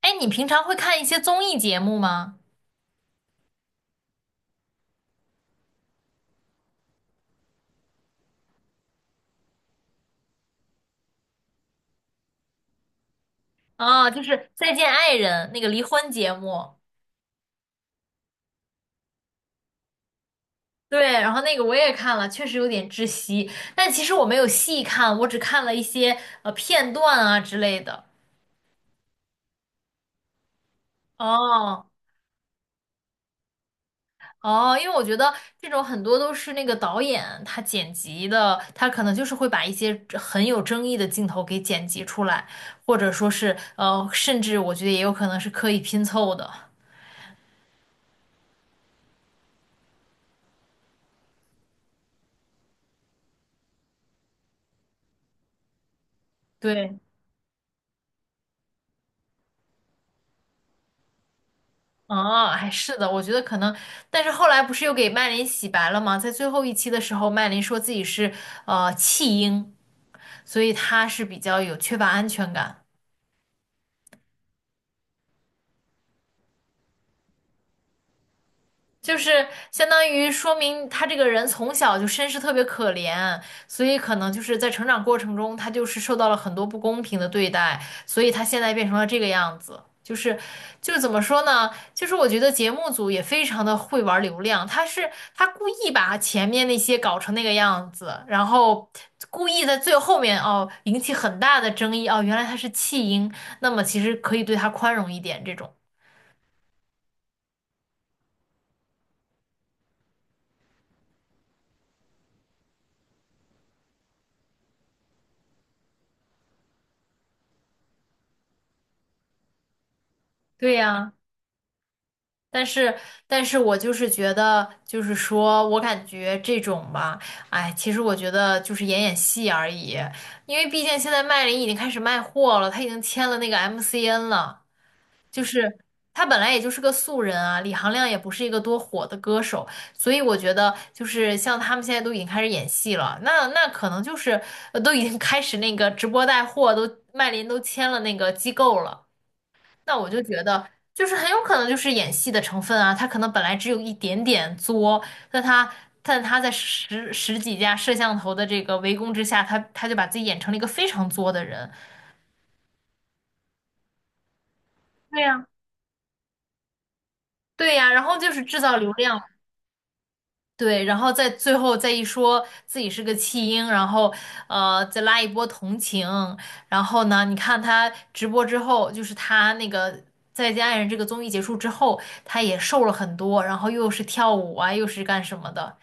哎，你平常会看一些综艺节目吗？啊，就是《再见爱人》那个离婚节目。对，然后那个我也看了，确实有点窒息。但其实我没有细看，我只看了一些片段啊之类的。哦哦，因为我觉得这种很多都是那个导演他剪辑的，他可能就是会把一些很有争议的镜头给剪辑出来，或者说是甚至我觉得也有可能是刻意拼凑的。对。哦，还是的，我觉得可能，但是后来不是又给麦琳洗白了吗？在最后一期的时候，麦琳说自己是弃婴，所以她是比较有缺乏安全感。就是相当于说明他这个人从小就身世特别可怜，所以可能就是在成长过程中，他就是受到了很多不公平的对待，所以他现在变成了这个样子。就是怎么说呢？就是我觉得节目组也非常的会玩流量，他故意把前面那些搞成那个样子，然后故意在最后面哦引起很大的争议，哦，原来他是弃婴，那么其实可以对他宽容一点这种。对呀、但是，但是我就是觉得，就是说我感觉这种吧，哎，其实我觉得就是演演戏而已，因为毕竟现在麦琳已经开始卖货了，她已经签了那个 MCN 了，就是她本来也就是个素人啊，李行亮也不是一个多火的歌手，所以我觉得就是像他们现在都已经开始演戏了，那那可能就是都已经开始那个直播带货，都麦琳都签了那个机构了。那我就觉得，就是很有可能就是演戏的成分啊，他可能本来只有一点点作，但他但他在十几家摄像头的这个围攻之下，他就把自己演成了一个非常作的人。对呀，对呀，然后就是制造流量。对，然后再最后再一说自己是个弃婴，然后再拉一波同情。然后呢，你看他直播之后，就是他那个《再见爱人》这个综艺结束之后，他也瘦了很多，然后又是跳舞啊，又是干什么的，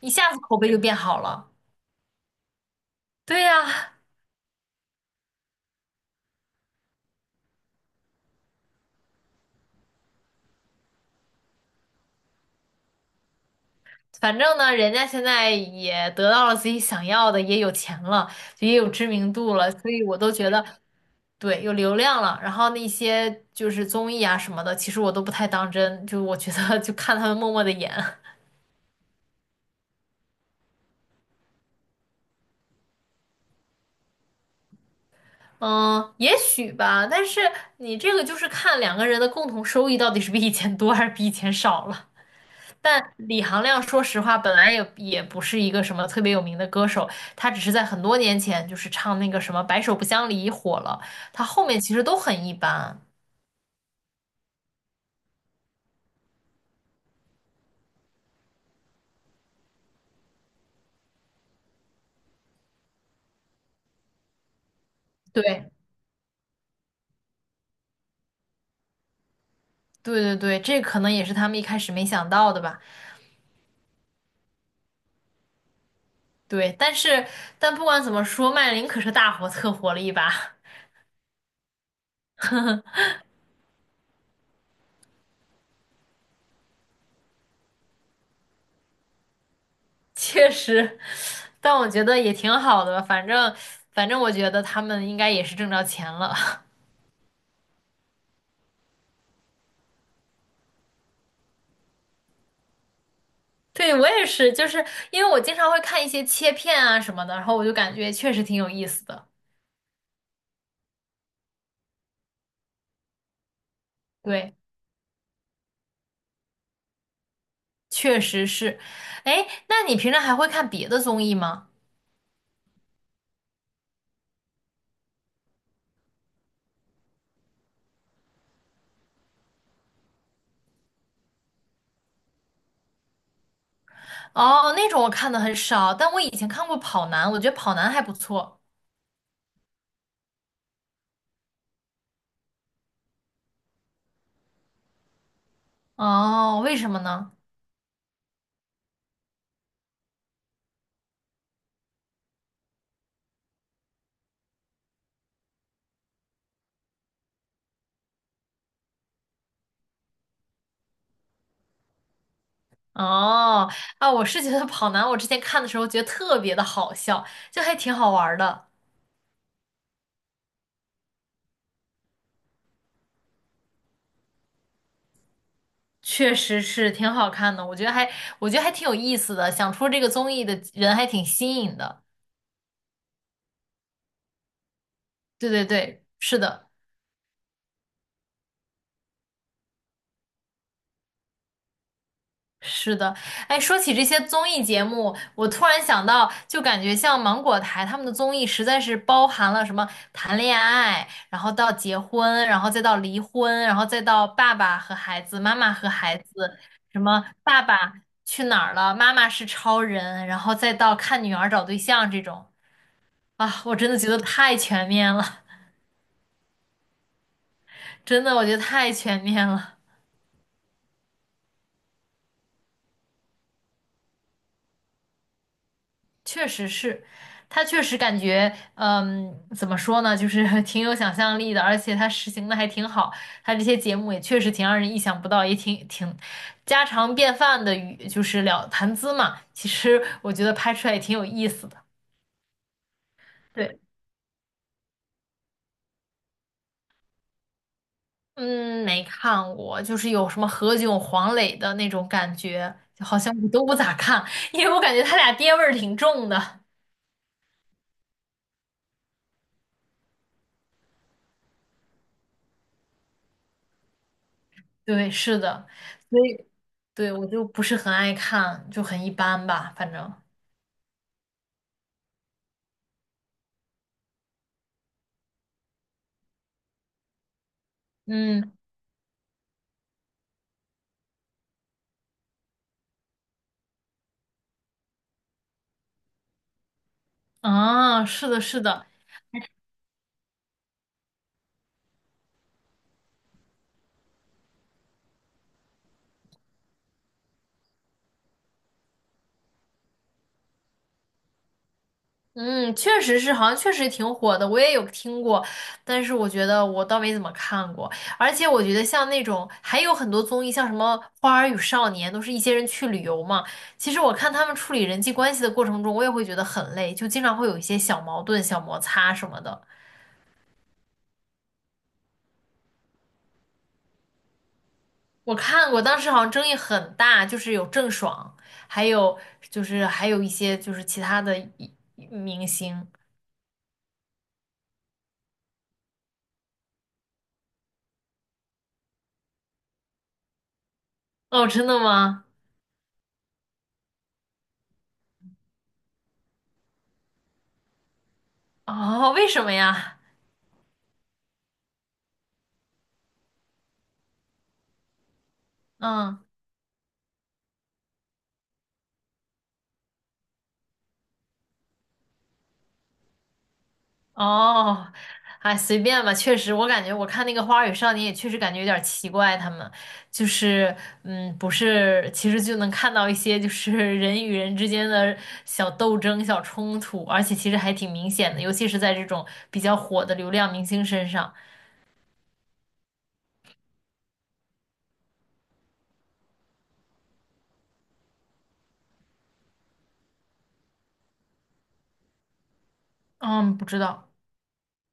一下子口碑就变好了。对呀，反正呢，人家现在也得到了自己想要的，也有钱了，也有知名度了，所以我都觉得。对，有流量了，然后那些就是综艺啊什么的，其实我都不太当真，就我觉得 就看他们默默的演。嗯，也许吧，但是你这个就是看两个人的共同收益到底是比以前多还是比以前少了。但李行亮说实话，本来也不是一个什么特别有名的歌手，他只是在很多年前就是唱那个什么《白首不相离》火了，他后面其实都很一般。对，对对对，这可能也是他们一开始没想到的吧。对，但是但不管怎么说，麦琳可是大火特火了一把。确实，但我觉得也挺好的吧，反正我觉得他们应该也是挣着钱了。对，我也是，就是因为我经常会看一些切片啊什么的，然后我就感觉确实挺有意思的。对，确实是。哎，那你平常还会看别的综艺吗？哦，那种我看的很少，但我以前看过《跑男》，我觉得《跑男》还不错。哦，为什么呢？哦，啊，我是觉得跑男，我之前看的时候觉得特别的好笑，就还挺好玩儿的。确实是挺好看的，我觉得还挺有意思的，想出这个综艺的人还挺新颖的。对对对，是的。是的。哎，说起这些综艺节目，我突然想到，就感觉像芒果台他们的综艺实在是包含了什么谈恋爱，然后到结婚，然后再到离婚，然后再到爸爸和孩子，妈妈和孩子，什么爸爸去哪儿了，妈妈是超人，然后再到看女儿找对象这种。啊，我真的觉得太全面了，真的，我觉得太全面了。确实是，他确实感觉，嗯，怎么说呢，就是 挺有想象力的，而且他实行的还挺好，他这些节目也确实挺让人意想不到，也挺挺家常便饭的语，就是聊谈资嘛。其实我觉得拍出来也挺有意思的。对，嗯，没看过，就是有什么何炅、黄磊的那种感觉，就好像我都不咋看，因为我感觉他俩爹味儿挺重的。对，是的，所以对我就不是很爱看，就很一般吧，反正。嗯，啊，是的，是的。嗯，确实是，好像确实挺火的，我也有听过，但是我觉得我倒没怎么看过。而且我觉得像那种还有很多综艺，像什么《花儿与少年》，都是一些人去旅游嘛，其实我看他们处理人际关系的过程中，我也会觉得很累，就经常会有一些小矛盾、小摩擦什么的。我看过，当时好像争议很大，就是有郑爽，还有就是还有一些就是其他的一明星。哦，真的吗？哦，为什么呀？嗯，哦，哎，随便吧。确实，我感觉我看那个《花儿与少年》也确实感觉有点奇怪，他们就是嗯，不是，其实就能看到一些就是人与人之间的小斗争、小冲突，而且其实还挺明显的，尤其是在这种比较火的流量明星身上。嗯，不知道。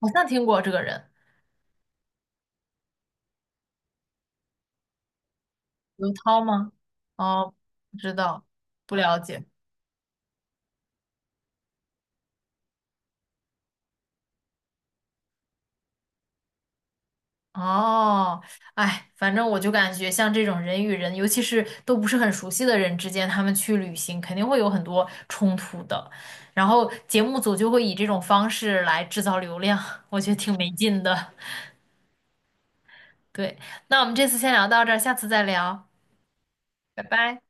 好像听过这个人，刘涛吗？哦，不知道，不了解。哦，哎，反正我就感觉像这种人与人，尤其是都不是很熟悉的人之间，他们去旅行肯定会有很多冲突的。然后节目组就会以这种方式来制造流量，我觉得挺没劲的。对，那我们这次先聊到这儿，下次再聊，拜拜。